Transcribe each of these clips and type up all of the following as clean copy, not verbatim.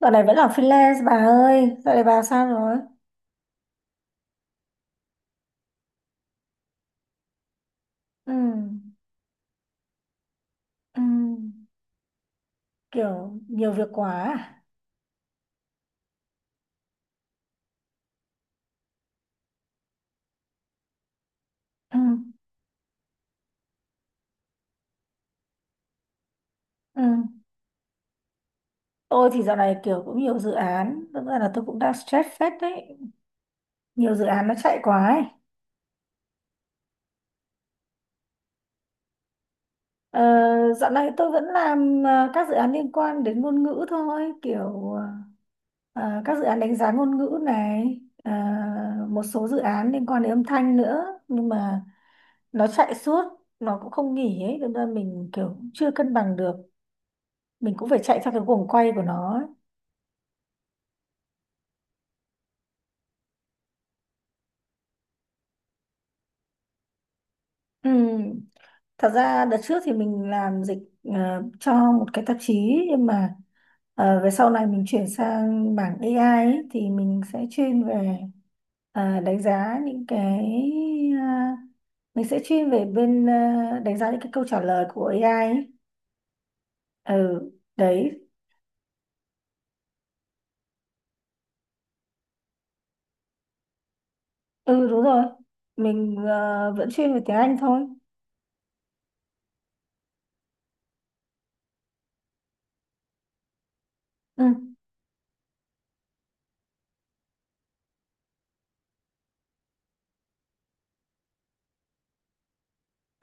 Dạo này vẫn là freelance bà ơi. Dạo này bà sao rồi? Ừ. Ừ. Kiểu nhiều việc quá à? Ừ. Ừ. Tôi thì dạo này kiểu cũng nhiều dự án. Thực ra là tôi cũng đang stress phết đấy. Nhiều dự án nó chạy quá ấy. Ờ, Dạo này tôi vẫn làm các dự án liên quan đến ngôn ngữ thôi. Kiểu ờ, các dự án đánh giá ngôn ngữ này. Ờ, Một số dự án liên quan đến âm thanh nữa. Nhưng mà nó chạy suốt. Nó cũng không nghỉ ấy. Thế nên mình kiểu chưa cân bằng được, mình cũng phải chạy theo cái guồng quay của nó ấy. Ừ. Thật ra đợt trước thì mình làm dịch cho một cái tạp chí, nhưng mà về sau này mình chuyển sang mảng AI ấy, thì mình sẽ chuyên về đánh giá ờ, mình sẽ chuyên về bên đánh giá những cái câu trả lời của AI ấy. Ừ. Đấy. Ừ, đúng rồi. Mình vẫn chuyên về tiếng Anh thôi. Ừ.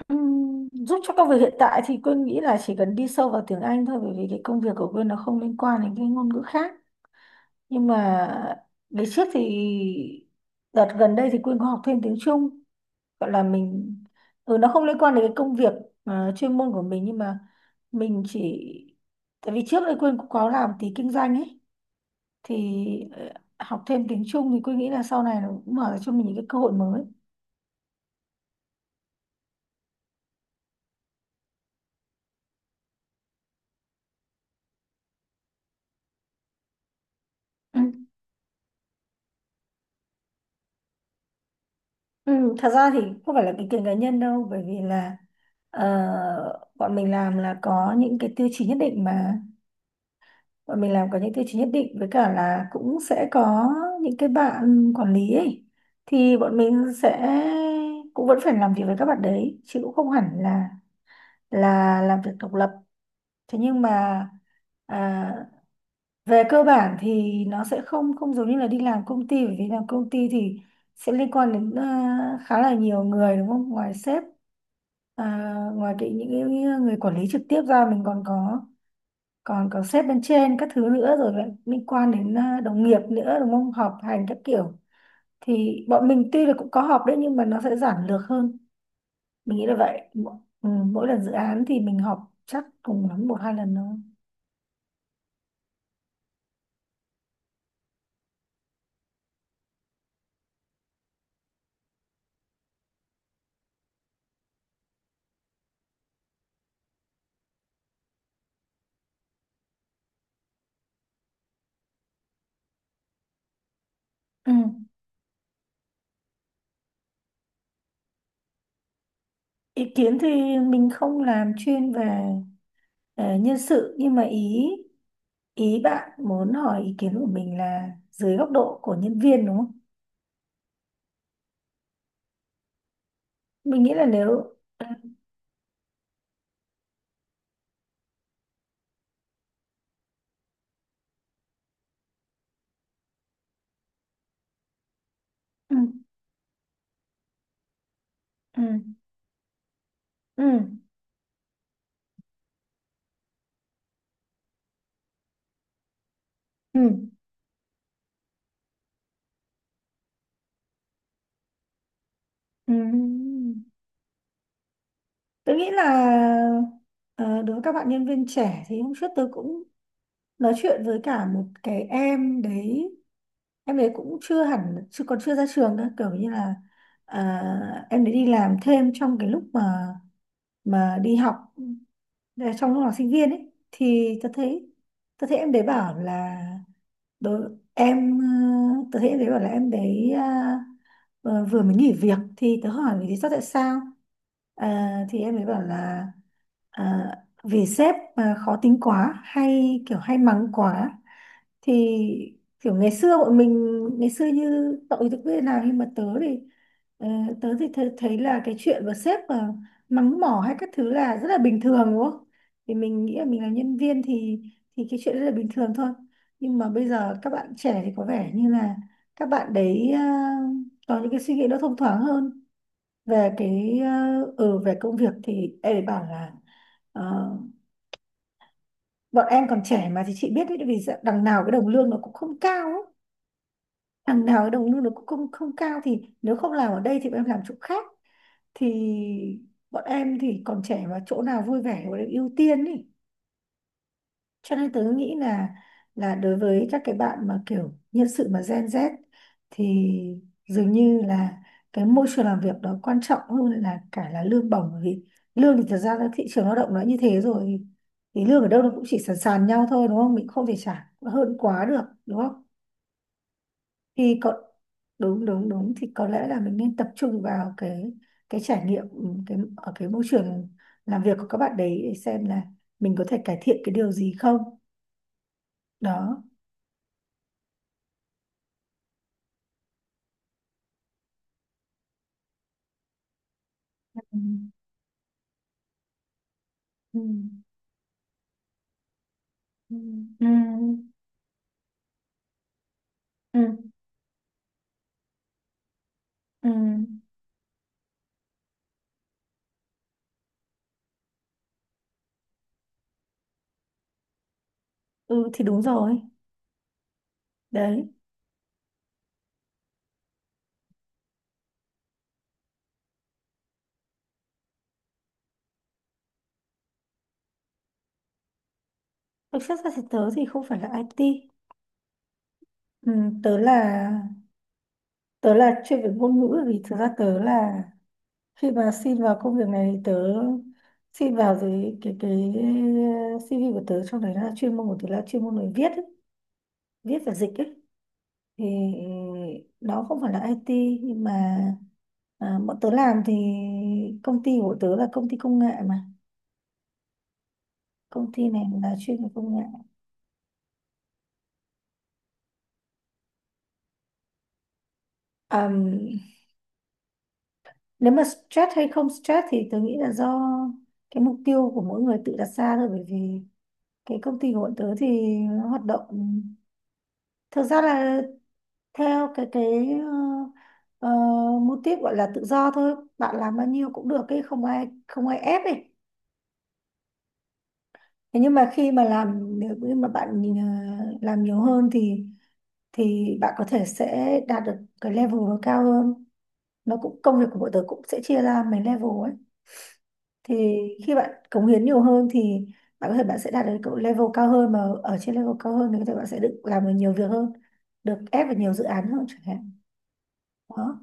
Giúp cho công việc hiện tại thì Quyên nghĩ là chỉ cần đi sâu vào tiếng Anh thôi, bởi vì cái công việc của Quyên nó không liên quan đến cái ngôn ngữ khác. Nhưng mà ngày trước thì đợt gần đây thì Quyên có học thêm tiếng Trung, gọi là mình, ừ, nó không liên quan đến cái công việc chuyên môn của mình, nhưng mà mình chỉ, tại vì trước đây Quyên cũng có làm tí kinh doanh ấy, thì ờ, học thêm tiếng Trung thì Quyên nghĩ là sau này nó cũng mở ra cho mình những cái cơ hội mới. Ừ, thật ra thì không phải là ý kiến cá nhân đâu, bởi vì là ờ, bọn mình làm là có những cái tiêu chí nhất định mà bọn mình làm có những tiêu chí nhất định với cả là cũng sẽ có những cái bạn quản lý ấy, thì bọn mình sẽ cũng vẫn phải làm việc với các bạn đấy, chứ cũng không hẳn là làm việc độc lập. Thế nhưng mà à, về cơ bản thì nó sẽ không không giống như là đi làm công ty, bởi vì làm công ty thì sẽ liên quan đến khá là nhiều người đúng không, ngoài sếp, ngoài cái những cái người quản lý trực tiếp ra, mình còn có sếp bên trên các thứ nữa, rồi lại liên quan đến đồng nghiệp nữa đúng không, họp hành các kiểu. Thì bọn mình tuy là cũng có họp đấy nhưng mà nó sẽ giản lược hơn, mình nghĩ là vậy. Mỗi, ừ, mỗi lần dự án thì mình họp chắc cùng lắm một hai lần thôi. Ừ. Ý kiến thì mình không làm chuyên về nhân sự, nhưng mà ý ý bạn muốn hỏi ý kiến của mình là dưới góc độ của nhân viên đúng không? Mình nghĩ là nếu, ừ, ừ, ừ, ừ, ừ. Ừ. Tôi nghĩ là ờ, đối với các bạn nhân viên trẻ thì hôm trước tôi cũng nói chuyện với cả một cái em đấy. Em đấy cũng chưa hẳn, chưa còn chưa ra trường nữa, kiểu như là em đấy đi làm thêm trong cái lúc mà đi học. Đấy, trong lúc học sinh viên ấy thì tôi thấy, tôi thấy em đấy bảo là đối em, tớ hiện thấy bảo là em đấy vừa mới nghỉ việc, thì tớ hỏi lý do tại sao. À, thì em ấy bảo là à, vì sếp mà khó tính quá hay kiểu hay mắng quá. Thì kiểu ngày xưa bọn mình, ngày xưa như cậu thì tớ biết nào, nhưng mà tớ thì ờ, tớ thì thấy, thấy là cái chuyện mà sếp mà mắng mỏ hay các thứ là rất là bình thường đúng không. Thì mình nghĩ là mình là nhân viên thì cái chuyện rất là bình thường thôi. Nhưng mà bây giờ các bạn trẻ thì có vẻ như là các bạn đấy có những cái suy nghĩ nó thông thoáng hơn về cái, ừ, về công việc thì em ấy bảo là ờ, bọn em còn trẻ mà, thì chị biết đấy, vì đằng nào cái đồng lương nó cũng không cao ấy. Đằng nào cái đồng lương nó cũng không không cao, thì nếu không làm ở đây thì bọn em làm chỗ khác, thì bọn em thì còn trẻ mà, chỗ nào vui vẻ thì bọn em ưu tiên ý. Cho nên tớ nghĩ là đối với các cái bạn mà kiểu nhân sự mà Gen Z thì dường như là cái môi trường làm việc đó quan trọng hơn là cả là lương bổng, bởi vì lương thì thật ra là thị trường lao động nó như thế rồi, thì lương ở đâu nó cũng chỉ sàn sàn nhau thôi đúng không, mình không thể trả hơn quá được đúng không. Thì có, đúng đúng đúng thì có lẽ là mình nên tập trung vào cái trải nghiệm, ừ, cái ở cái môi trường làm việc của các bạn đấy, để xem là mình có thể cải thiện cái điều gì không đó. Ừ, ừ, ừ, ừ, ừ, ừ. Ừ, thì đúng rồi đấy. Thực chất ra thì tớ thì không phải là IT. Ừ, tớ là tớ là chuyên về ngôn ngữ, vì thực ra tớ là khi mà xin vào công việc này thì tớ xin vào dưới cái CV của tớ, trong đấy là chuyên môn của tớ là chuyên môn người viết ấy, viết và dịch ấy. Thì đó không phải là IT, nhưng mà bọn tớ làm thì công ty của tớ là công ty công nghệ mà, công ty này là chuyên về công nghệ. Ờm, nếu mà stress hay không stress thì tôi nghĩ là do cái mục tiêu của mỗi người tự đặt ra thôi, bởi vì cái công ty của bọn tớ thì nó hoạt động, thực ra là theo cái ờ, mô típ gọi là tự do thôi, bạn làm bao nhiêu cũng được ấy, không ai ép ấy. Thế nhưng mà khi mà làm, nếu như mà bạn nhìn, làm nhiều hơn thì bạn có thể sẽ đạt được cái level nó cao hơn, nó cũng công việc của bọn tớ cũng sẽ chia ra mấy level ấy. Thì khi bạn cống hiến nhiều hơn thì bạn có thể bạn sẽ đạt được cái level cao hơn, mà ở trên level cao hơn thì có thể bạn sẽ được làm được nhiều việc hơn, được ép vào nhiều dự án hơn chẳng hạn. Đó.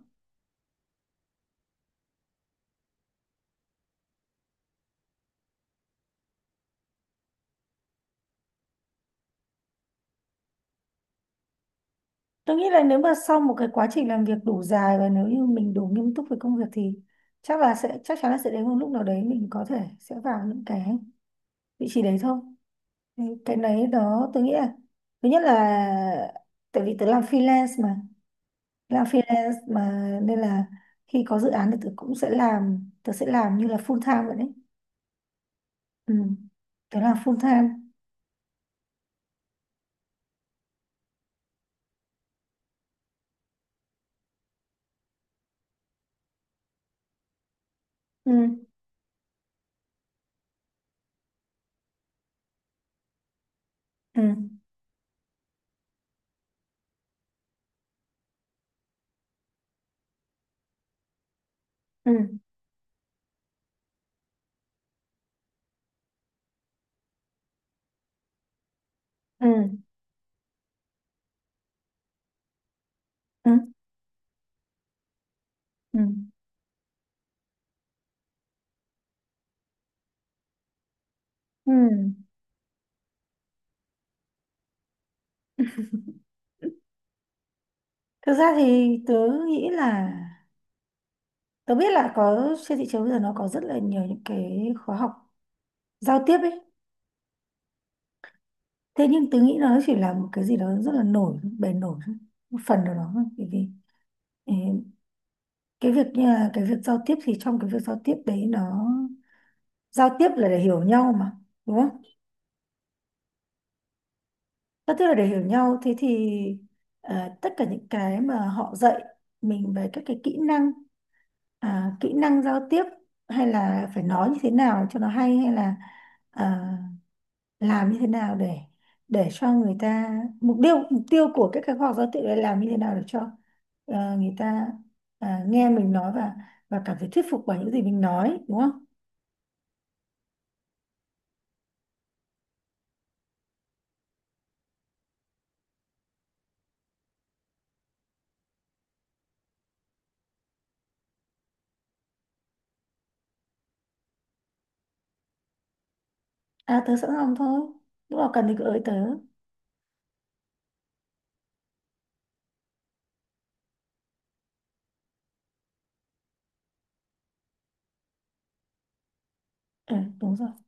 Tôi nghĩ là nếu mà sau một cái quá trình làm việc đủ dài và nếu như mình đủ nghiêm túc với công việc thì chắc là sẽ, chắc chắn là sẽ đến một lúc nào đấy mình có thể sẽ vào những cái vị trí đấy thôi. Thì cái đấy đó tôi nghĩ là, thứ nhất là tại vì tớ làm freelance, làm freelance mà nên là khi có dự án thì tớ cũng sẽ làm, tớ sẽ làm như là full time vậy đấy. Ừ. Tớ làm full time. Ừ. Ừ. Ừ. Ừ. Ừ. Ừ. Ừ. Thực ra thì tớ nghĩ là tớ biết là có trên thị trường bây giờ nó có rất là nhiều những cái khóa học giao tiếp ấy. Thế nhưng tớ nghĩ nó chỉ là một cái gì đó rất là bề nổi thôi, một phần nào đó thôi. Bởi vì, ừ, cái việc như là cái việc giao tiếp thì trong cái việc giao tiếp đấy nó, giao tiếp là để hiểu nhau mà đúng không. Giao tiếp là để hiểu nhau, thế thì tất cả những cái mà họ dạy mình về các cái kỹ năng, kỹ năng giao tiếp, hay là phải nói như thế nào cho nó hay, hay là à, làm như thế nào để cho người ta, mục tiêu của các cái khóa học giao tiếp là làm như thế nào để cho người ta nghe mình nói và cảm thấy thuyết phục bởi những gì mình nói đúng không. À, tớ sẵn lòng thôi, lúc nào cần thì cứ ới tớ. Ừ, đúng rồi.